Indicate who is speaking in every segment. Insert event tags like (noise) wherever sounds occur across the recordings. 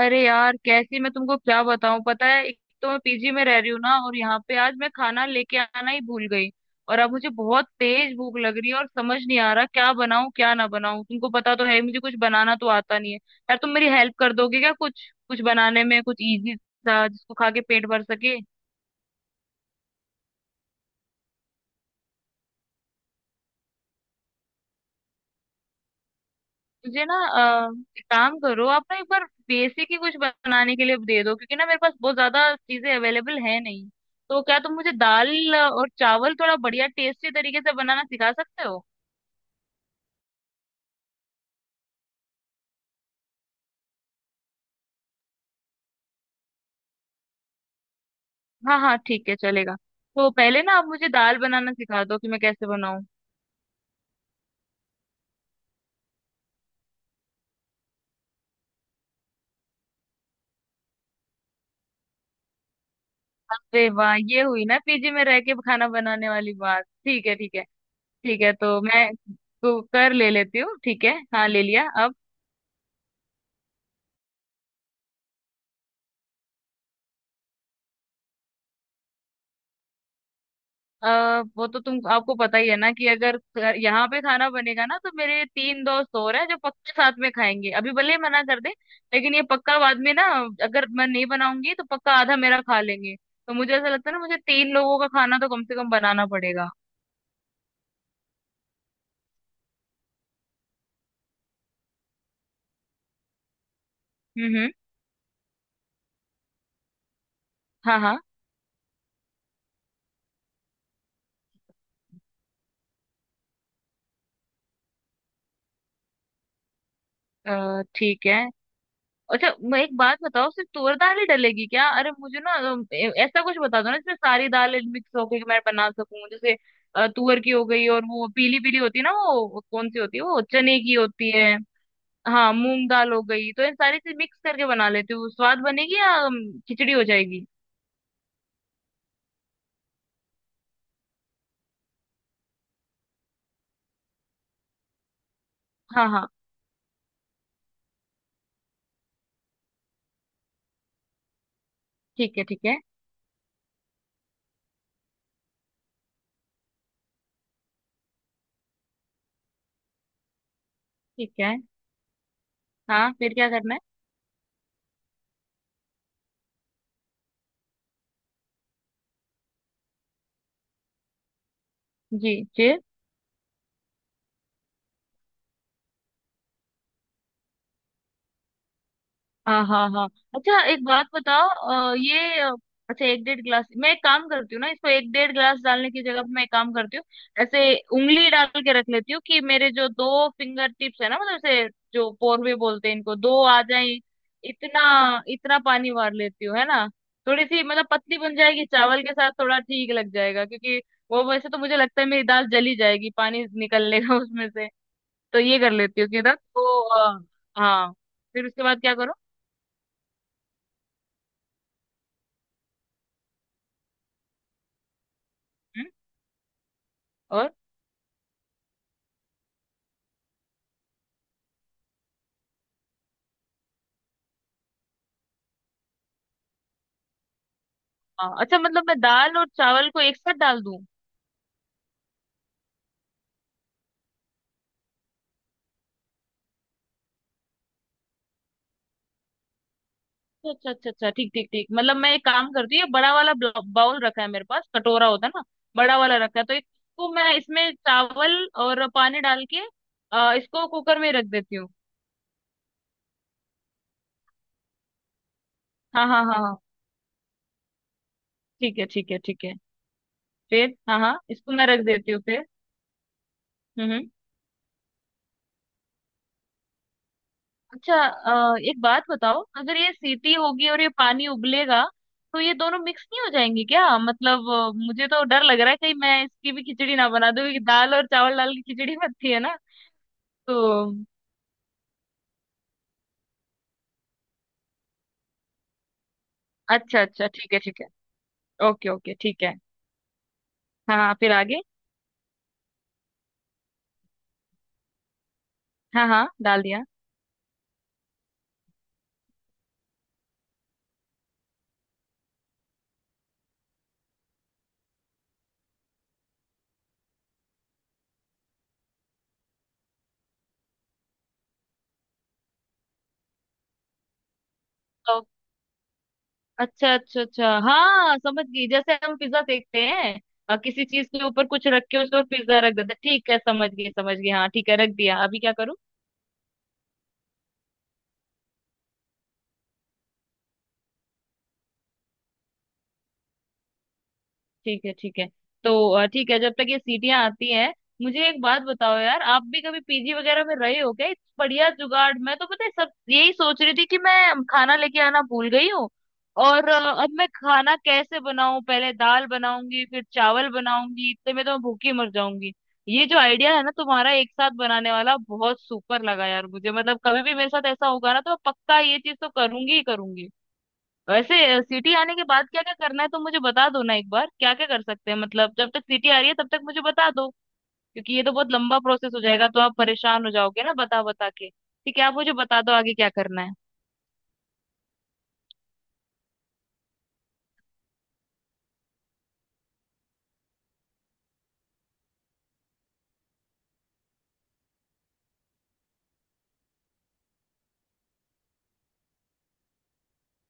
Speaker 1: अरे यार कैसी, मैं तुमको क्या बताऊं। पता है एक तो मैं पीजी में रह रही हूँ ना, और यहाँ पे आज मैं खाना लेके आना ही भूल गई। और अब मुझे बहुत तेज भूख लग रही है, और समझ नहीं आ रहा क्या बनाऊं क्या ना बनाऊं। तुमको पता तो है मुझे कुछ बनाना तो आता नहीं है यार। तुम मेरी हेल्प कर दोगे क्या, कुछ कुछ बनाने में, कुछ इजी सा जिसको खा के पेट भर सके। मुझे ना अ, एक काम करो, आप ना एक बार बेसिक ही कुछ बनाने के लिए दे दो, क्योंकि ना मेरे पास बहुत ज्यादा चीजें अवेलेबल है नहीं। तो क्या तुम मुझे दाल और चावल थोड़ा बढ़िया टेस्टी तरीके से बनाना सिखा सकते हो? हाँ हाँ ठीक है चलेगा। तो पहले ना आप मुझे दाल बनाना सिखा दो कि मैं कैसे बनाऊं। अरे वाह, ये हुई ना पीजी में रह के खाना बनाने वाली बात। ठीक है ठीक है। ठीक है, तो मैं कुकर ले लेती हूँ। ठीक है, हाँ ले लिया अब। अ, वो तो तुम, आपको पता ही है ना कि अगर यहाँ पे खाना बनेगा ना, तो मेरे तीन दोस्त और हैं जो पक्का साथ में खाएंगे, अभी भले ही मना कर दे लेकिन ये पक्का, बाद में ना, अगर मैं नहीं बनाऊंगी तो पक्का आधा मेरा खा लेंगे। तो मुझे ऐसा लगता है ना, मुझे तीन लोगों का खाना तो कम से कम बनाना पड़ेगा। हम्म। हाँ हाँ। ठीक है। अच्छा मैं एक बात बताओ, सिर्फ तुअर दाल ही डलेगी क्या? अरे मुझे ना ऐसा कुछ बता दो ना जिसमें सारी दालें मिक्स हो के मैं बना सकूं, जैसे तुअर की हो गई, और वो पीली पीली होती है ना, वो कौन सी होती है, वो चने की होती है। हाँ मूंग दाल हो गई, तो इन सारी चीज मिक्स करके बना लेती हूँ, स्वाद बनेगी या खिचड़ी हो जाएगी? हाँ हाँ ठीक है ठीक है। ठीक है। हाँ फिर क्या करना है? जी जी। हाँ हाँ हाँ। अच्छा एक बात बताओ, ये अच्छा, एक डेढ़ गिलास, मैं एक काम करती हूँ ना, इसको एक डेढ़ गिलास डालने की जगह पे मैं एक काम करती हूँ। ऐसे उंगली डाल के रख लेती हूँ कि मेरे जो दो फिंगर टिप्स है ना, मतलब ऐसे जो पोरवे बोलते हैं इनको, दो आ जाए, इतना, इतना पानी मार लेती हूँ, है ना? थोड़ी सी मतलब पतली बन जाएगी, चावल के साथ थोड़ा ठीक लग जाएगा, क्योंकि वो, वैसे तो मुझे लगता है मेरी दाल जली जाएगी, पानी निकल लेगा (laughs) उसमें से। तो ये कर लेती हूँ कि ना, तो अ, हाँ। फिर उसके बाद क्या करो, और? हाँ, अच्छा मतलब मैं दाल और चावल को एक साथ डाल दूं? अच्छा अच्छा अच्छा, ठीक ठीक ठीक। मतलब मैं एक काम करती हूँ, ये बड़ा वाला बाउल रखा है मेरे पास, कटोरा होता है ना, बड़ा वाला रखा है, तो इसको मैं इसमें चावल और पानी डाल के इसको कुकर में रख देती हूँ। हाँ हाँ हाँ हाँ, ठीक है ठीक है ठीक है। फिर हाँ हाँ, इसको मैं रख देती हूँ फिर। हम्म हम्म। अच्छा एक बात बताओ, अगर ये सीटी होगी और ये पानी उबलेगा, तो ये दोनों मिक्स नहीं हो जाएंगे क्या? मतलब मुझे तो डर लग रहा है कहीं मैं इसकी भी खिचड़ी ना बना दूं, क्योंकि दाल और चावल, दाल की खिचड़ी (laughs) बनती है ना तो। अच्छा अच्छा ठीक है ठीक है। ओके ओके ठीक है। हाँ हाँ, फिर आगे? हाँ हाँ डाल दिया। तो अच्छा अच्छा अच्छा, हाँ समझ गई, जैसे हम पिज्जा देखते हैं, किसी चीज के ऊपर कुछ रख के उसके ऊपर पिज्जा रख देते हैं। ठीक है, समझ गई समझ गई, हाँ ठीक है रख दिया, अभी क्या करूँ? ठीक है ठीक है। तो ठीक है, जब तक ये सीटियां आती हैं, मुझे एक बात बताओ यार, आप भी कभी पीजी वगैरह में रहे हो क्या? इस बढ़िया जुगाड़, मैं तो पता है सब यही सोच रही थी कि मैं खाना लेके आना भूल गई हूँ, और अब मैं खाना कैसे बनाऊं, पहले दाल बनाऊंगी फिर चावल बनाऊंगी, इतने में तो मैं भूखी मर जाऊंगी। ये जो आइडिया है ना तुम्हारा, एक साथ बनाने वाला, बहुत सुपर लगा यार मुझे, मतलब कभी भी मेरे साथ ऐसा होगा ना तो मैं पक्का ये चीज तो करूंगी ही करूंगी। वैसे सिटी आने के बाद क्या क्या करना है तो मुझे बता दो ना एक बार, क्या क्या कर सकते हैं, मतलब जब तक सिटी आ रही है तब तक मुझे बता दो, क्योंकि ये तो बहुत लंबा प्रोसेस हो जाएगा, तो आप परेशान हो जाओगे ना बता बता के, ठीक है आप मुझे बता दो आगे क्या करना है।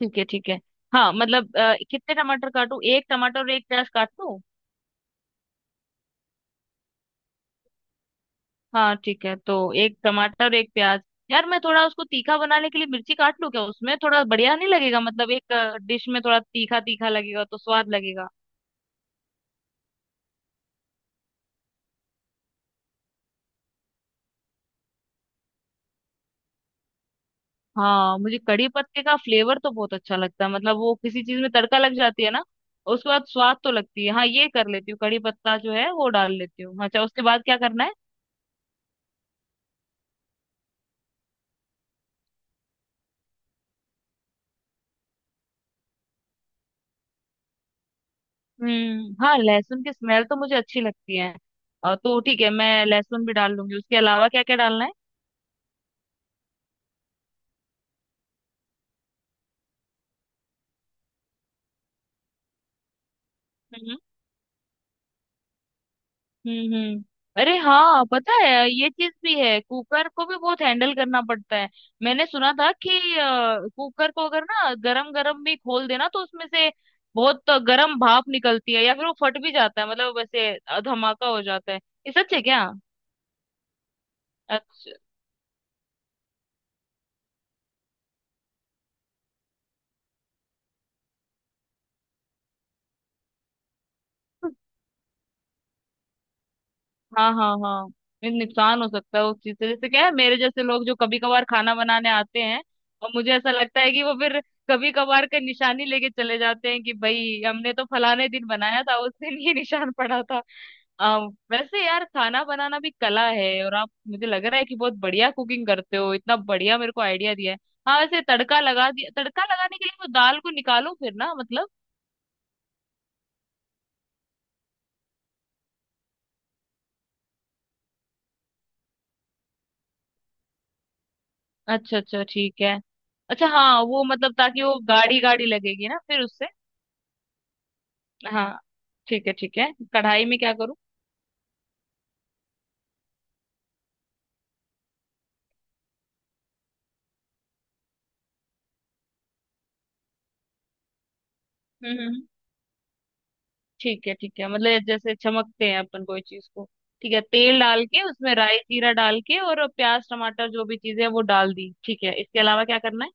Speaker 1: ठीक है ठीक है। हाँ मतलब कितने टमाटर काटूं, एक टमाटर और एक प्याज काट लूं? हाँ ठीक है, तो एक टमाटर और एक प्याज। यार मैं थोड़ा उसको तीखा बनाने के लिए मिर्ची काट लूं क्या उसमें, थोड़ा बढ़िया नहीं लगेगा? मतलब एक डिश में थोड़ा तीखा तीखा लगेगा तो स्वाद लगेगा। हाँ मुझे कड़ी पत्ते का फ्लेवर तो बहुत अच्छा लगता है, मतलब वो किसी चीज में तड़का लग जाती है ना, और उसके बाद स्वाद तो लगती है। हाँ ये कर लेती हूँ, कड़ी पत्ता जो है वो डाल लेती हूँ। अच्छा उसके बाद क्या करना है? हम्म, हाँ लहसुन की स्मेल तो मुझे अच्छी लगती है। तो ठीक है, मैं लहसुन भी डाल लूंगी, उसके अलावा क्या क्या डालना है? हम्म। अरे हाँ पता है, ये चीज भी है, कुकर को भी बहुत हैंडल करना पड़ता है। मैंने सुना था कि कुकर को अगर ना गरम गरम भी खोल देना तो उसमें से बहुत गरम भाप निकलती है, या फिर वो फट भी जाता है, मतलब वैसे धमाका हो जाता है। ये सच है क्या? अच्छा। हाँ हाँ हाँ। ये नुकसान हो सकता है उस चीज से, जैसे क्या है मेरे जैसे लोग जो कभी कभार खाना बनाने आते हैं, और मुझे ऐसा लगता है कि वो फिर कभी कभार का निशानी लेके चले जाते हैं कि भाई हमने तो फलाने दिन बनाया था, उस दिन ये निशान पड़ा था। आ, वैसे यार खाना बनाना भी कला है, और आप, मुझे लग रहा है कि बहुत बढ़िया कुकिंग करते हो, इतना बढ़िया मेरे को आइडिया दिया है। हाँ वैसे तड़का लगा दिया, तड़का लगाने के लिए वो दाल को निकालो फिर ना मतलब? अच्छा अच्छा ठीक है। अच्छा हाँ वो मतलब ताकि वो गाढ़ी गाढ़ी लगेगी ना फिर उससे। हाँ ठीक है ठीक है। कढ़ाई में क्या करूँ? हम्म हम्म, ठीक है ठीक है, मतलब जैसे चमकते हैं अपन कोई चीज को। ठीक है, तेल डाल के उसमें राई जीरा डाल के और प्याज टमाटर जो भी चीजें हैं वो डाल दी, ठीक है इसके अलावा क्या करना है?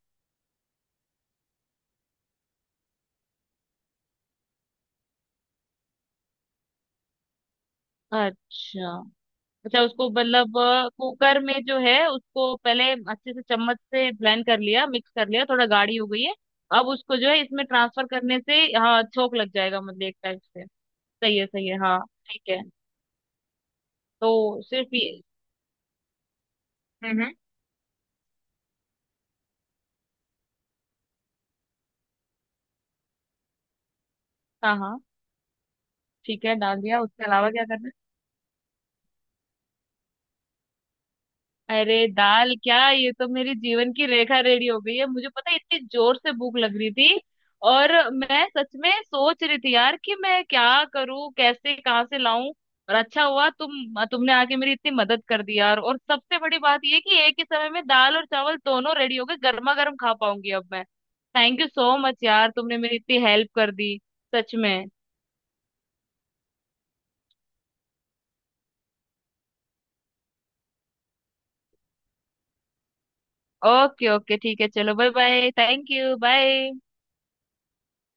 Speaker 1: अच्छा अच्छा। उसको मतलब कुकर में जो है उसको पहले अच्छे से चम्मच से ब्लेंड कर लिया मिक्स कर लिया, थोड़ा गाढ़ी हो गई है। अब उसको जो है इसमें ट्रांसफर करने से, हाँ छोक लग जाएगा, मतलब एक टाइप से। सही है सही है, हाँ। ठीक है। तो सिर्फ ये। हम्म, हम्म। हाँ हाँ। ठीक है डाल दिया, उसके अलावा क्या करना है? अरे दाल क्या, ये तो मेरी जीवन की रेखा रेडी हो गई है, मुझे पता है इतनी जोर से भूख लग रही थी, और मैं सच में सोच रही थी यार कि मैं क्या करूं कैसे कहाँ से लाऊं, और अच्छा हुआ तुमने आके मेरी इतनी मदद कर दी यार, और सबसे बड़ी बात ये कि एक ही समय में दाल और चावल दोनों रेडी हो गए, गर्मा गर्म खा पाऊंगी अब मैं। थैंक यू सो मच यार, तुमने मेरी इतनी हेल्प कर दी, सच में। ओके ओके ठीक है, चलो bye bye, thank you bye.